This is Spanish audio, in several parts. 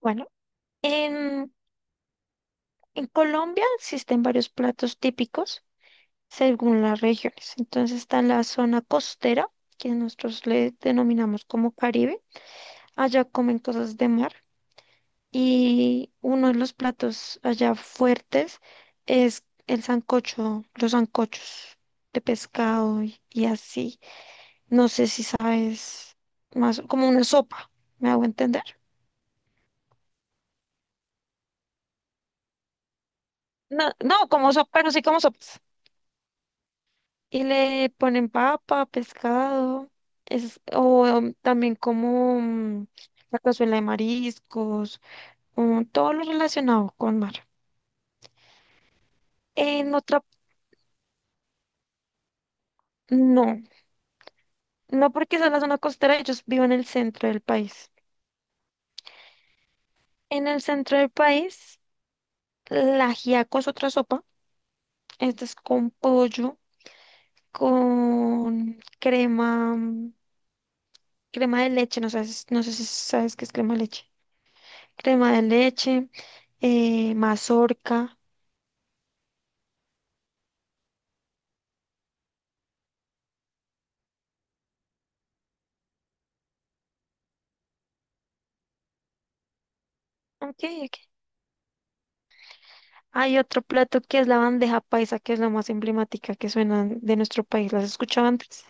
Bueno, en, en Colombia existen varios platos típicos según las regiones. Entonces está la zona costera, que nosotros le denominamos como Caribe. Allá comen cosas de mar y uno de los platos allá fuertes es el sancocho, los sancochos de pescado y así. No sé si sabes más, como una sopa, ¿me hago entender? No, no como sopa, pero sí como sopa. Y le ponen papa, pescado, es, también la cazuela de mariscos, todo lo relacionado con mar. En otra, no, no porque sea la zona costera, ellos viven en el centro del país. En el centro del país, la ajiaco es otra sopa, esta es con pollo, con crema, crema de leche, no sabes, no sé si sabes qué es crema de leche. Crema de leche, mazorca. Ok, ok. Hay otro plato que es la bandeja paisa, que es la más emblemática que suena de nuestro país. ¿Las has escuchado antes?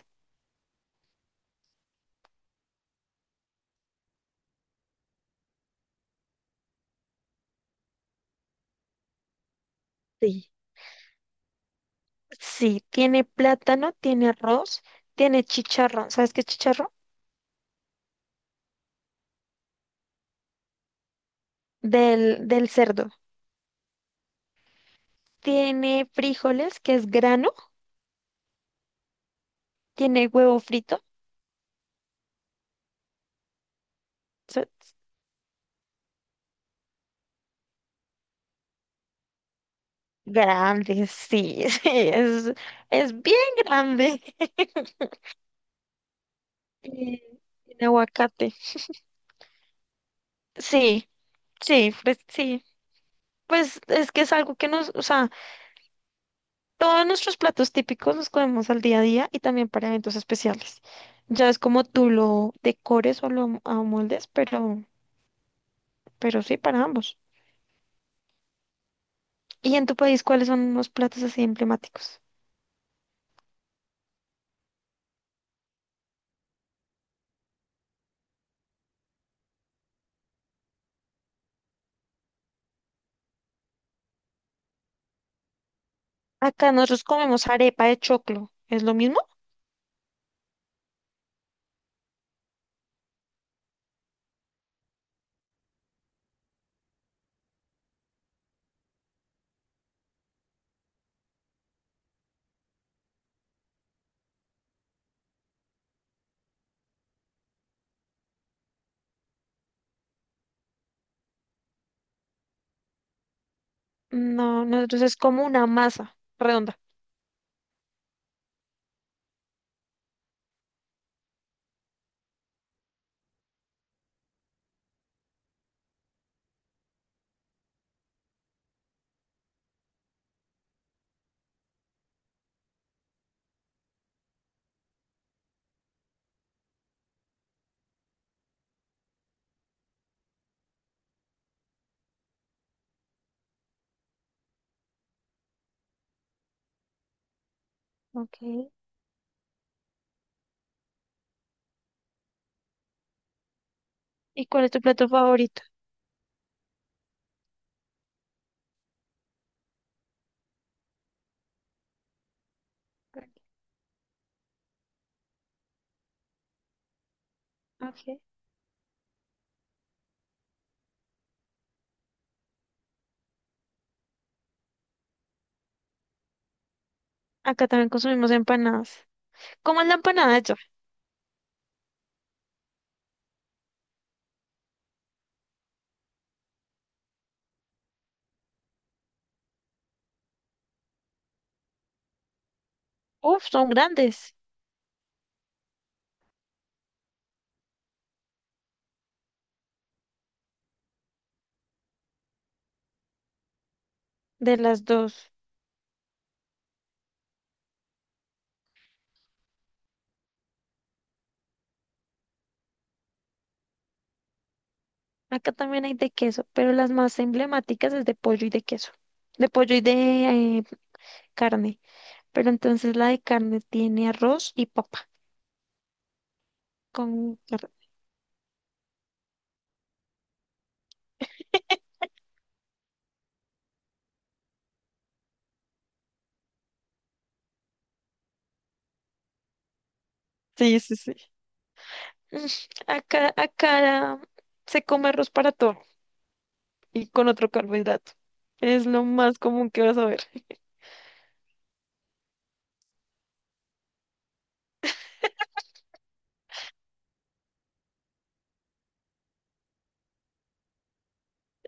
Sí. Sí, tiene plátano, tiene arroz, tiene chicharrón. ¿Sabes qué es chicharrón? Del cerdo. Tiene frijoles, que es grano, tiene huevo frito. so- Grande, sí, sí, es, es bien grande. Y tiene aguacate. Sí, sí. Pues es que es algo que nos, o sea, todos nuestros platos típicos los comemos al día a día y también para eventos especiales. Ya es como tú lo decores o lo amoldes, pero sí, para ambos. ¿Y en tu país cuáles son los platos así emblemáticos? Acá nosotros comemos arepa de choclo. ¿Es lo mismo? No, nosotros es como una masa redonda. Okay. ¿Y cuál es tu plato favorito? Okay. Acá también consumimos empanadas. ¿Cómo es la empanada allá? Uf, son grandes de las dos. Acá también hay de queso, pero las más emblemáticas es de pollo y de queso. De pollo y de eh, carne. Pero entonces la de carne tiene arroz y papa con carne. Sí, sí, sí. Mm, acá se come arroz para todo y con otro carbohidrato. Es lo más común que vas a ver.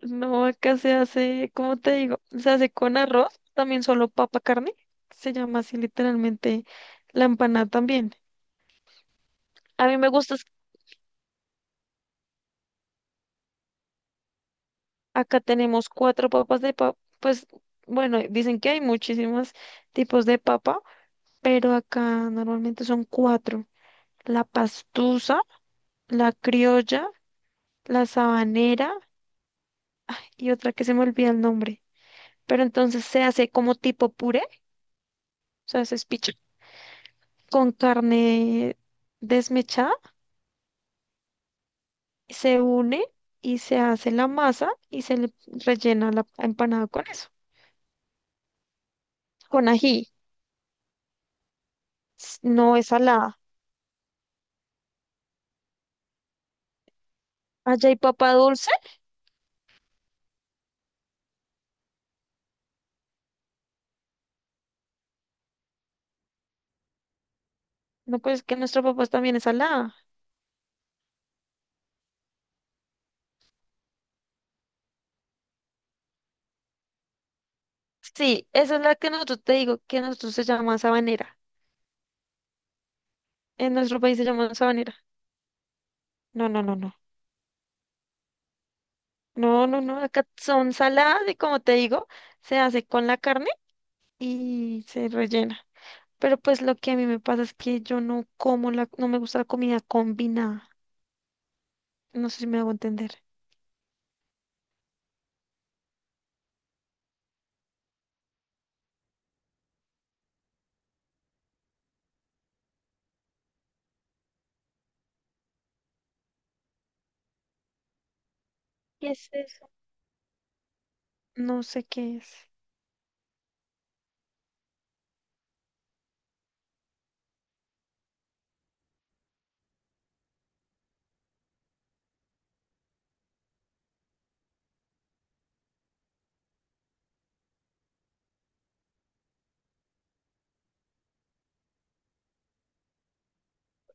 No, acá se hace, ¿cómo te digo? Se hace con arroz, también solo papa carne. Se llama así literalmente la empanada también. A mí me gusta. Acá tenemos cuatro papas de papa. Pues bueno, dicen que hay muchísimos tipos de papa, pero acá normalmente son cuatro. La pastusa, la criolla, la sabanera y otra que se me olvida el nombre. Pero entonces se hace como tipo puré, o sea, se espicha con carne desmechada, se une y se hace la masa y se le rellena la empanada con eso, con ají. S- No es salada. Allá hay papa dulce. No, pues que nuestra papa también es salada. Sí, esa es la que nosotros te digo, que nosotros se llama sabanera. En nuestro país se llama sabanera. No, no, no, no. No, no, no. Acá son saladas y como te digo, se hace con la carne y se rellena. Pero pues lo que a mí me pasa es que yo no como la, no me gusta la comida combinada. No sé si me hago entender. ¿Qué es eso? No sé qué es.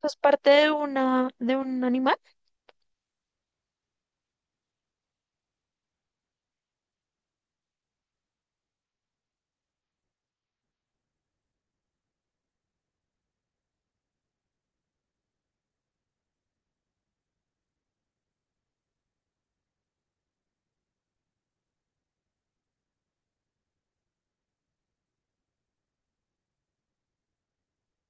¿Es parte de una, de un animal?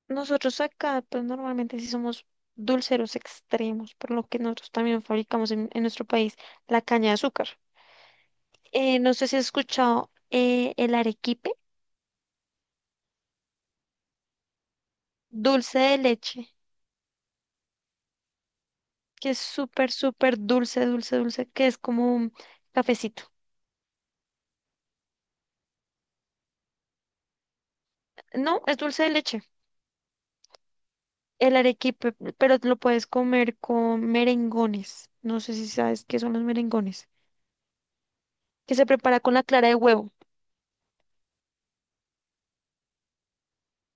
Nosotros acá, pues normalmente sí somos dulceros extremos, por lo que nosotros también fabricamos en nuestro país la caña de azúcar. No sé si has escuchado el arequipe, dulce de leche, que es súper, súper dulce, dulce, dulce, que es como un cafecito. No, es dulce de leche, el arequipe, pero lo puedes comer con merengones. No sé si sabes qué son los merengones, que se prepara con la clara de huevo.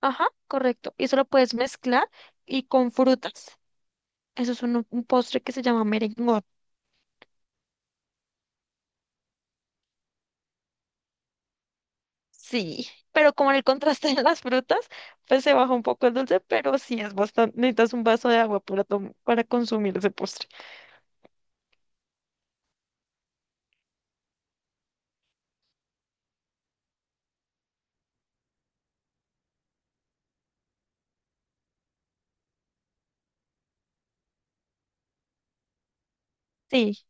Ajá, correcto. Y eso lo puedes mezclar y con frutas. Eso es un postre que se llama merengot. Sí, pero como en el contraste de las frutas, pues se baja un poco el dulce, pero sí es bastante. Necesitas un vaso de agua para, para consumir ese postre. Sí,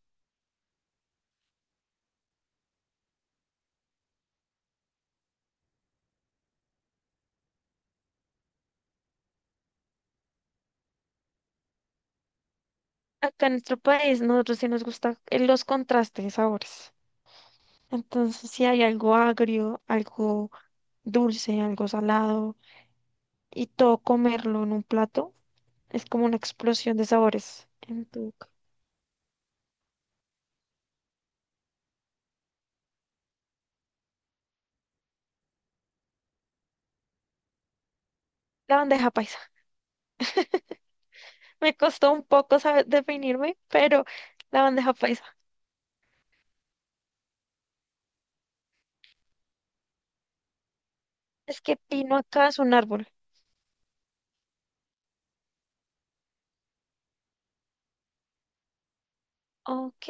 acá en nuestro país nosotros sí nos gustan los contrastes de sabores. Entonces, si hay algo agrio, algo dulce, algo salado, y todo comerlo en un plato, es como una explosión de sabores en tu boca. La bandeja paisa. Me costó un poco saber definirme, pero la bandeja paisa. Es que pino acá es un árbol. Ok,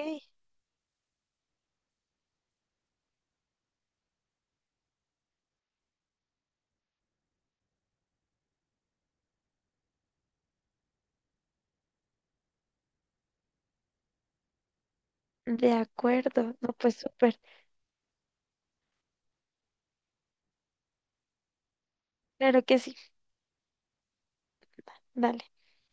de acuerdo. No, pues súper. Claro que sí. Dale.